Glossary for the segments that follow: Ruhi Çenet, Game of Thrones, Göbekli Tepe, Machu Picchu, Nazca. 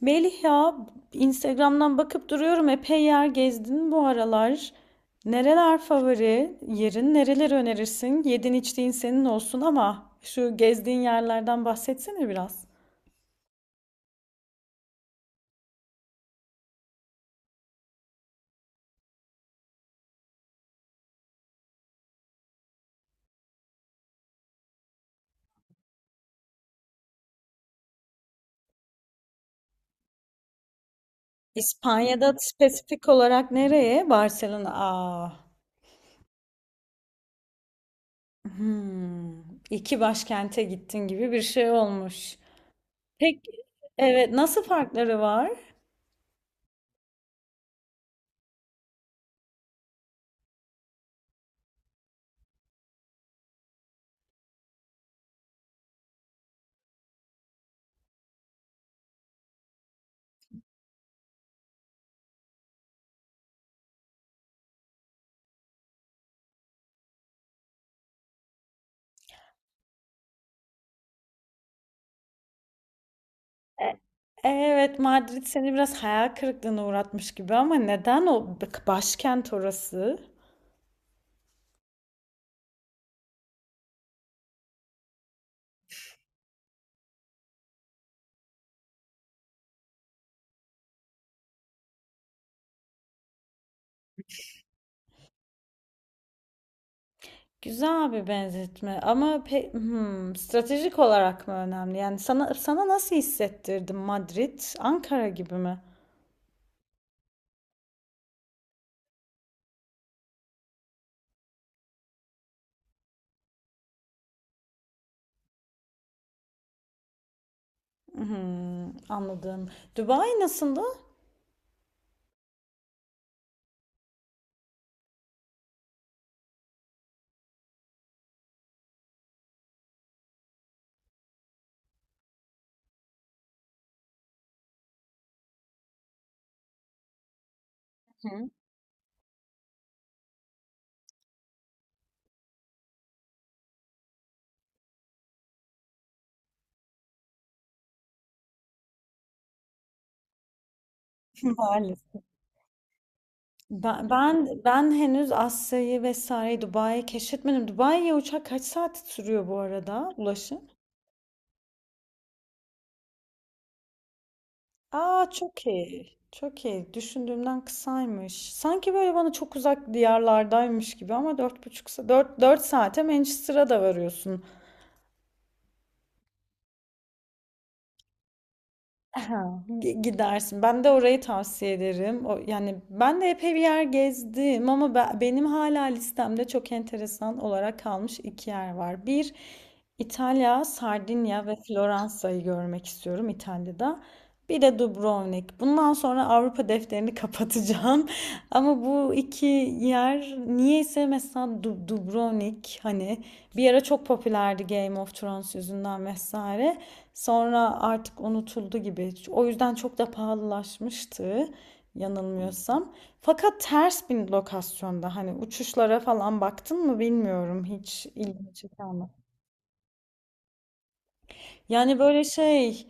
Melih ya, Instagram'dan bakıp duruyorum, epey yer gezdin bu aralar. Nereler favori yerin? Nereleri önerirsin? Yedin içtiğin senin olsun ama şu gezdiğin yerlerden bahsetsene biraz. İspanya'da spesifik olarak nereye? Barcelona. Aa. Hmm. İki başkente gittin gibi bir şey olmuş. Peki, evet, nasıl farkları var? Evet, Madrid seni biraz hayal kırıklığına uğratmış gibi ama neden o başkent orası? Güzel bir benzetme ama stratejik olarak mı önemli? Yani sana nasıl hissettirdi Madrid? Ankara gibi mi? Hmm, anladım. Dubai nasıldı? Hı. Maalesef. Ben henüz Asya'yı vesaire Dubai'yi keşfetmedim. Dubai'ye uçak kaç saat sürüyor bu arada, ulaşım? Aa, çok iyi. Çok iyi. Düşündüğümden kısaymış. Sanki böyle bana çok uzak diyarlardaymış gibi ama dört buçuk saat, dört saate Manchester'a da varıyorsun. Aha, gidersin. Ben de orayı tavsiye ederim. O, yani ben de epey bir yer gezdim ama benim hala listemde çok enteresan olarak kalmış iki yer var. Bir, İtalya, Sardinya ve Floransa'yı görmek istiyorum İtalya'da. Bir de Dubrovnik. Bundan sonra Avrupa defterini kapatacağım. Ama bu iki yer niyeyse, mesela Dubrovnik, hani bir ara çok popülerdi Game of Thrones yüzünden vesaire. Sonra artık unutuldu gibi. O yüzden çok da pahalılaşmıştı yanılmıyorsam. Fakat ters bir lokasyonda, hani uçuşlara falan baktın mı bilmiyorum. Hiç ilgimi çeken, yani böyle şey,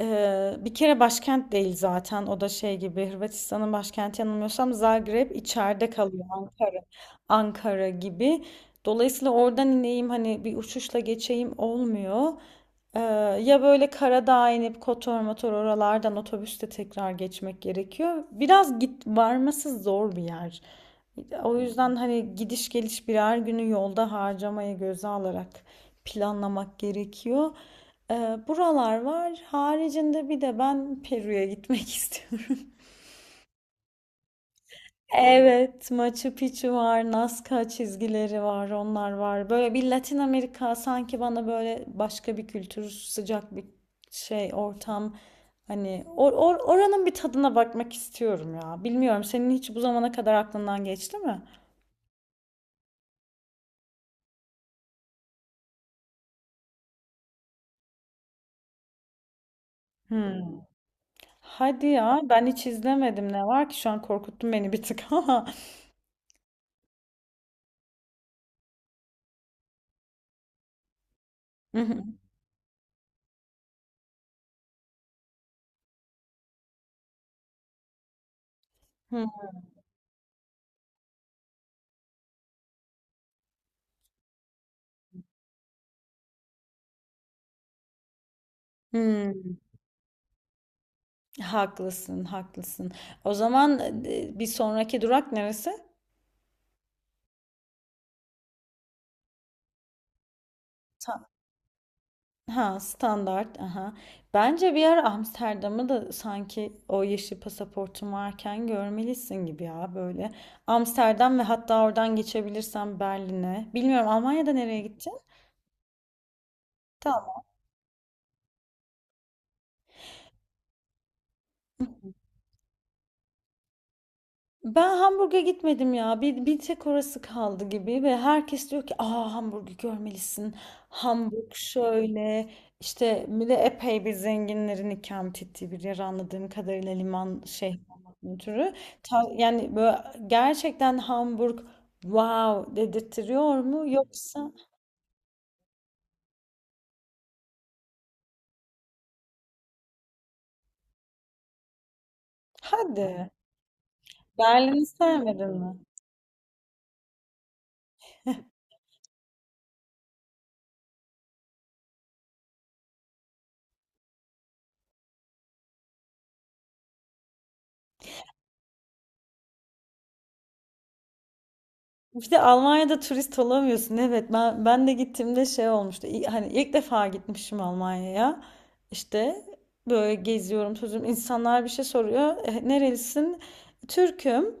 bir kere başkent değil zaten, o da şey gibi, Hırvatistan'ın başkenti yanılmıyorsam Zagreb, içeride kalıyor Ankara gibi. Dolayısıyla oradan ineyim hani bir uçuşla geçeyim olmuyor. Ee, ya böyle Karadağ'a inip Kotor motor oralardan otobüste tekrar geçmek gerekiyor. Biraz varması zor bir yer. O yüzden hani gidiş geliş birer günü yolda harcamayı göze alarak planlamak gerekiyor. Buralar var. Haricinde bir de ben Peru'ya gitmek istiyorum. Evet, Machu Picchu var, Nazca çizgileri var, onlar var. Böyle bir Latin Amerika sanki bana böyle başka bir kültür, sıcak bir şey, ortam. Hani oranın bir tadına bakmak istiyorum ya. Bilmiyorum, senin hiç bu zamana kadar aklından geçti mi? Hmm. Hadi ya, ben hiç izlemedim. Ne var ki şu an korkuttun beni bir tık ama. Hı hı. Hı. Hmm. Haklısın, haklısın. O zaman bir sonraki durak neresi? Ta- ha, standart. Aha. Bence bir ara Amsterdam'ı da sanki o yeşil pasaportun varken görmelisin gibi ya, böyle. Amsterdam ve hatta oradan geçebilirsen Berlin'e. Bilmiyorum, Almanya'da nereye gideceksin? Tamam. Ben Hamburg'a gitmedim ya. Bir tek orası kaldı gibi ve herkes diyor ki aa, Hamburg'u görmelisin. Hamburg şöyle işte, bir de epey bir zenginlerin ikamet ettiği bir yer anladığım kadarıyla, liman şehrinden türü. Yani böyle gerçekten Hamburg wow dedirtiyor mu yoksa? Hadi, Berlin'i sevmedin mi? Bir de Almanya'da turist olamıyorsun. Evet, ben de gittiğimde şey olmuştu. Hani ilk defa gitmişim Almanya'ya. İşte böyle geziyorum sözüm. İnsanlar bir şey soruyor. "E, nerelisin? Türk'üm.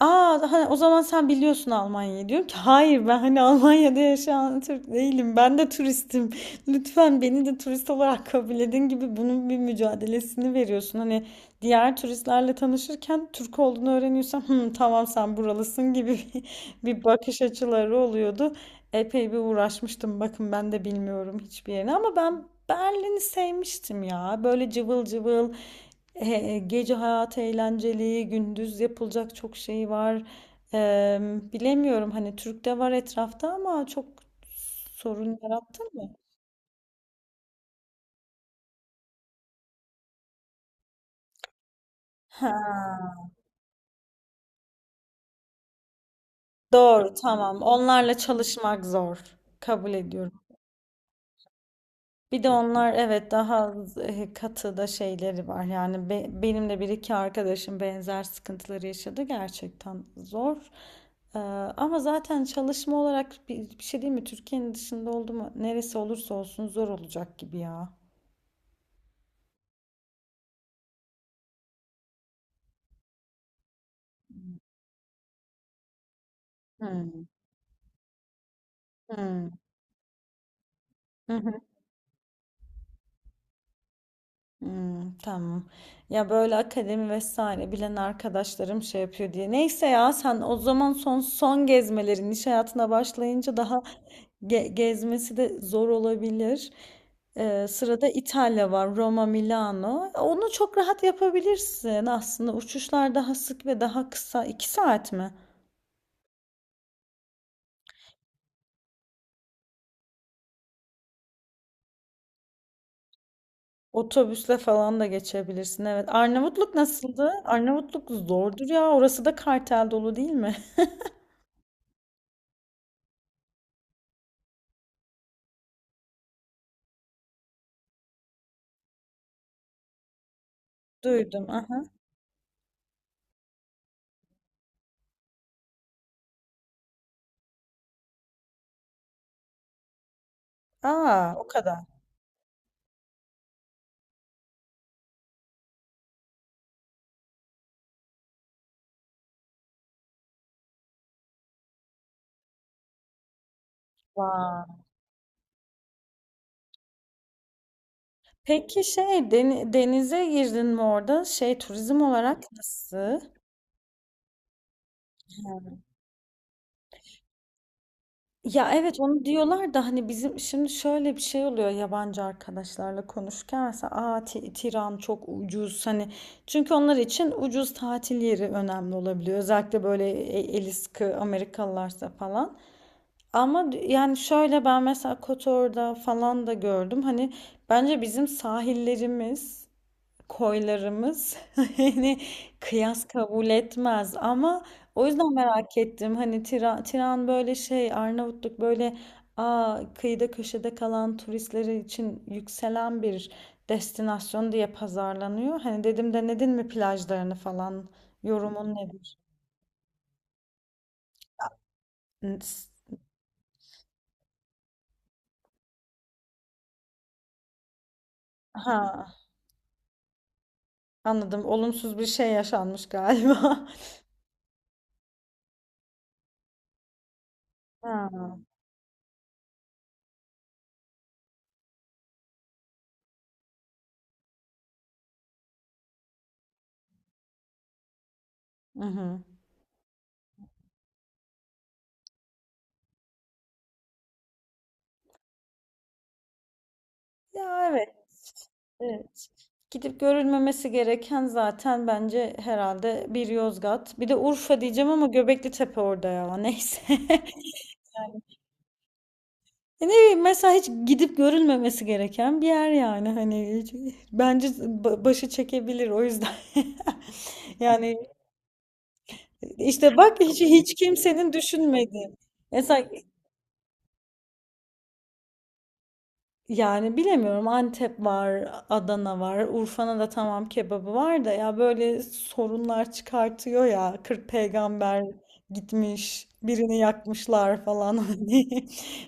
Aa, hani o zaman sen biliyorsun Almanya'yı." Diyorum ki hayır, ben hani Almanya'da yaşayan Türk değilim. Ben de turistim. Lütfen beni de turist olarak kabul edin gibi bunun bir mücadelesini veriyorsun. Hani diğer turistlerle tanışırken Türk olduğunu öğreniyorsan, "Hı, tamam, sen buralısın" gibi bir bakış açıları oluyordu. Epey bir uğraşmıştım. Bakın, ben de bilmiyorum hiçbir yerini ama ben Berlin'i sevmiştim ya. Böyle cıvıl cıvıl. Gece hayatı eğlenceli, gündüz yapılacak çok şey var. E, bilemiyorum, hani Türk'te var etrafta ama çok sorun yarattı mı? Ha, doğru, tamam. Onlarla çalışmak zor. Kabul ediyorum. Bir de onlar evet daha katı da şeyleri var. Yani benim de bir iki arkadaşım benzer sıkıntıları yaşadı. Gerçekten zor. Ee, ama zaten çalışma olarak bir şey değil mi? Türkiye'nin dışında oldu mu, neresi olursa olsun zor olacak gibi ya. Hmm. Hmm. Hmm, tamam. Ya böyle akademi vesaire bilen arkadaşlarım şey yapıyor diye. Neyse ya, sen o zaman son son gezmelerin, iş hayatına başlayınca daha gezmesi de zor olabilir. Sırada İtalya var, Roma, Milano. Onu çok rahat yapabilirsin aslında. Uçuşlar daha sık ve daha kısa. İki saat mi? Otobüsle falan da geçebilirsin. Evet. Arnavutluk nasıldı? Arnavutluk zordur ya. Orası da kartel dolu değil mi? Duydum. Aha. Aa, o kadar. Vay. Peki, şey, denize girdin mi orada? Şey, turizm olarak nasıl? Ya evet, onu diyorlar da hani bizim şimdi şöyle bir şey oluyor yabancı arkadaşlarla konuşurken, mesela aa, Tiran çok ucuz, hani çünkü onlar için ucuz tatil yeri önemli olabiliyor, özellikle böyle eli sıkı Amerikalılarsa falan. Ama yani şöyle, ben mesela Kotor'da falan da gördüm. Hani bence bizim sahillerimiz, koylarımız hani kıyas kabul etmez ama, o yüzden merak ettim. Hani Tiran böyle şey, Arnavutluk böyle aa, kıyıda köşede kalan turistleri için yükselen bir destinasyon diye pazarlanıyor. Hani dedim, denedin mi plajlarını falan? Yorumun nedir? N- s- Ha, anladım. Olumsuz bir şey yaşanmış galiba. Ha. Hı hı. Ya evet. Evet. Gidip görülmemesi gereken zaten bence herhalde bir Yozgat. Bir de Urfa diyeceğim ama Göbekli Tepe orada ya. Neyse. Ne bileyim, mesela hiç gidip görülmemesi gereken bir yer, yani bence başı çekebilir o yüzden. Yani işte bak, hiç kimsenin düşünmediği. Mesela, yani bilemiyorum, Antep var, Adana var, Urfa'nın da tamam kebabı var da ya, böyle sorunlar çıkartıyor ya, 40 peygamber gitmiş, birini yakmışlar falan hani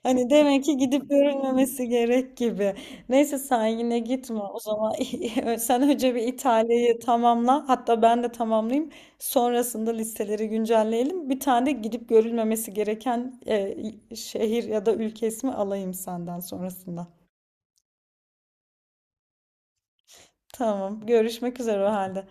hani demek ki gidip görülmemesi gerek gibi. Neyse sen yine gitme o zaman, sen önce bir İtalya'yı tamamla, hatta ben de tamamlayayım, sonrasında listeleri güncelleyelim, bir tane de gidip görülmemesi gereken şehir ya da ülke ismi alayım senden sonrasında. Tamam. Görüşmek üzere o halde.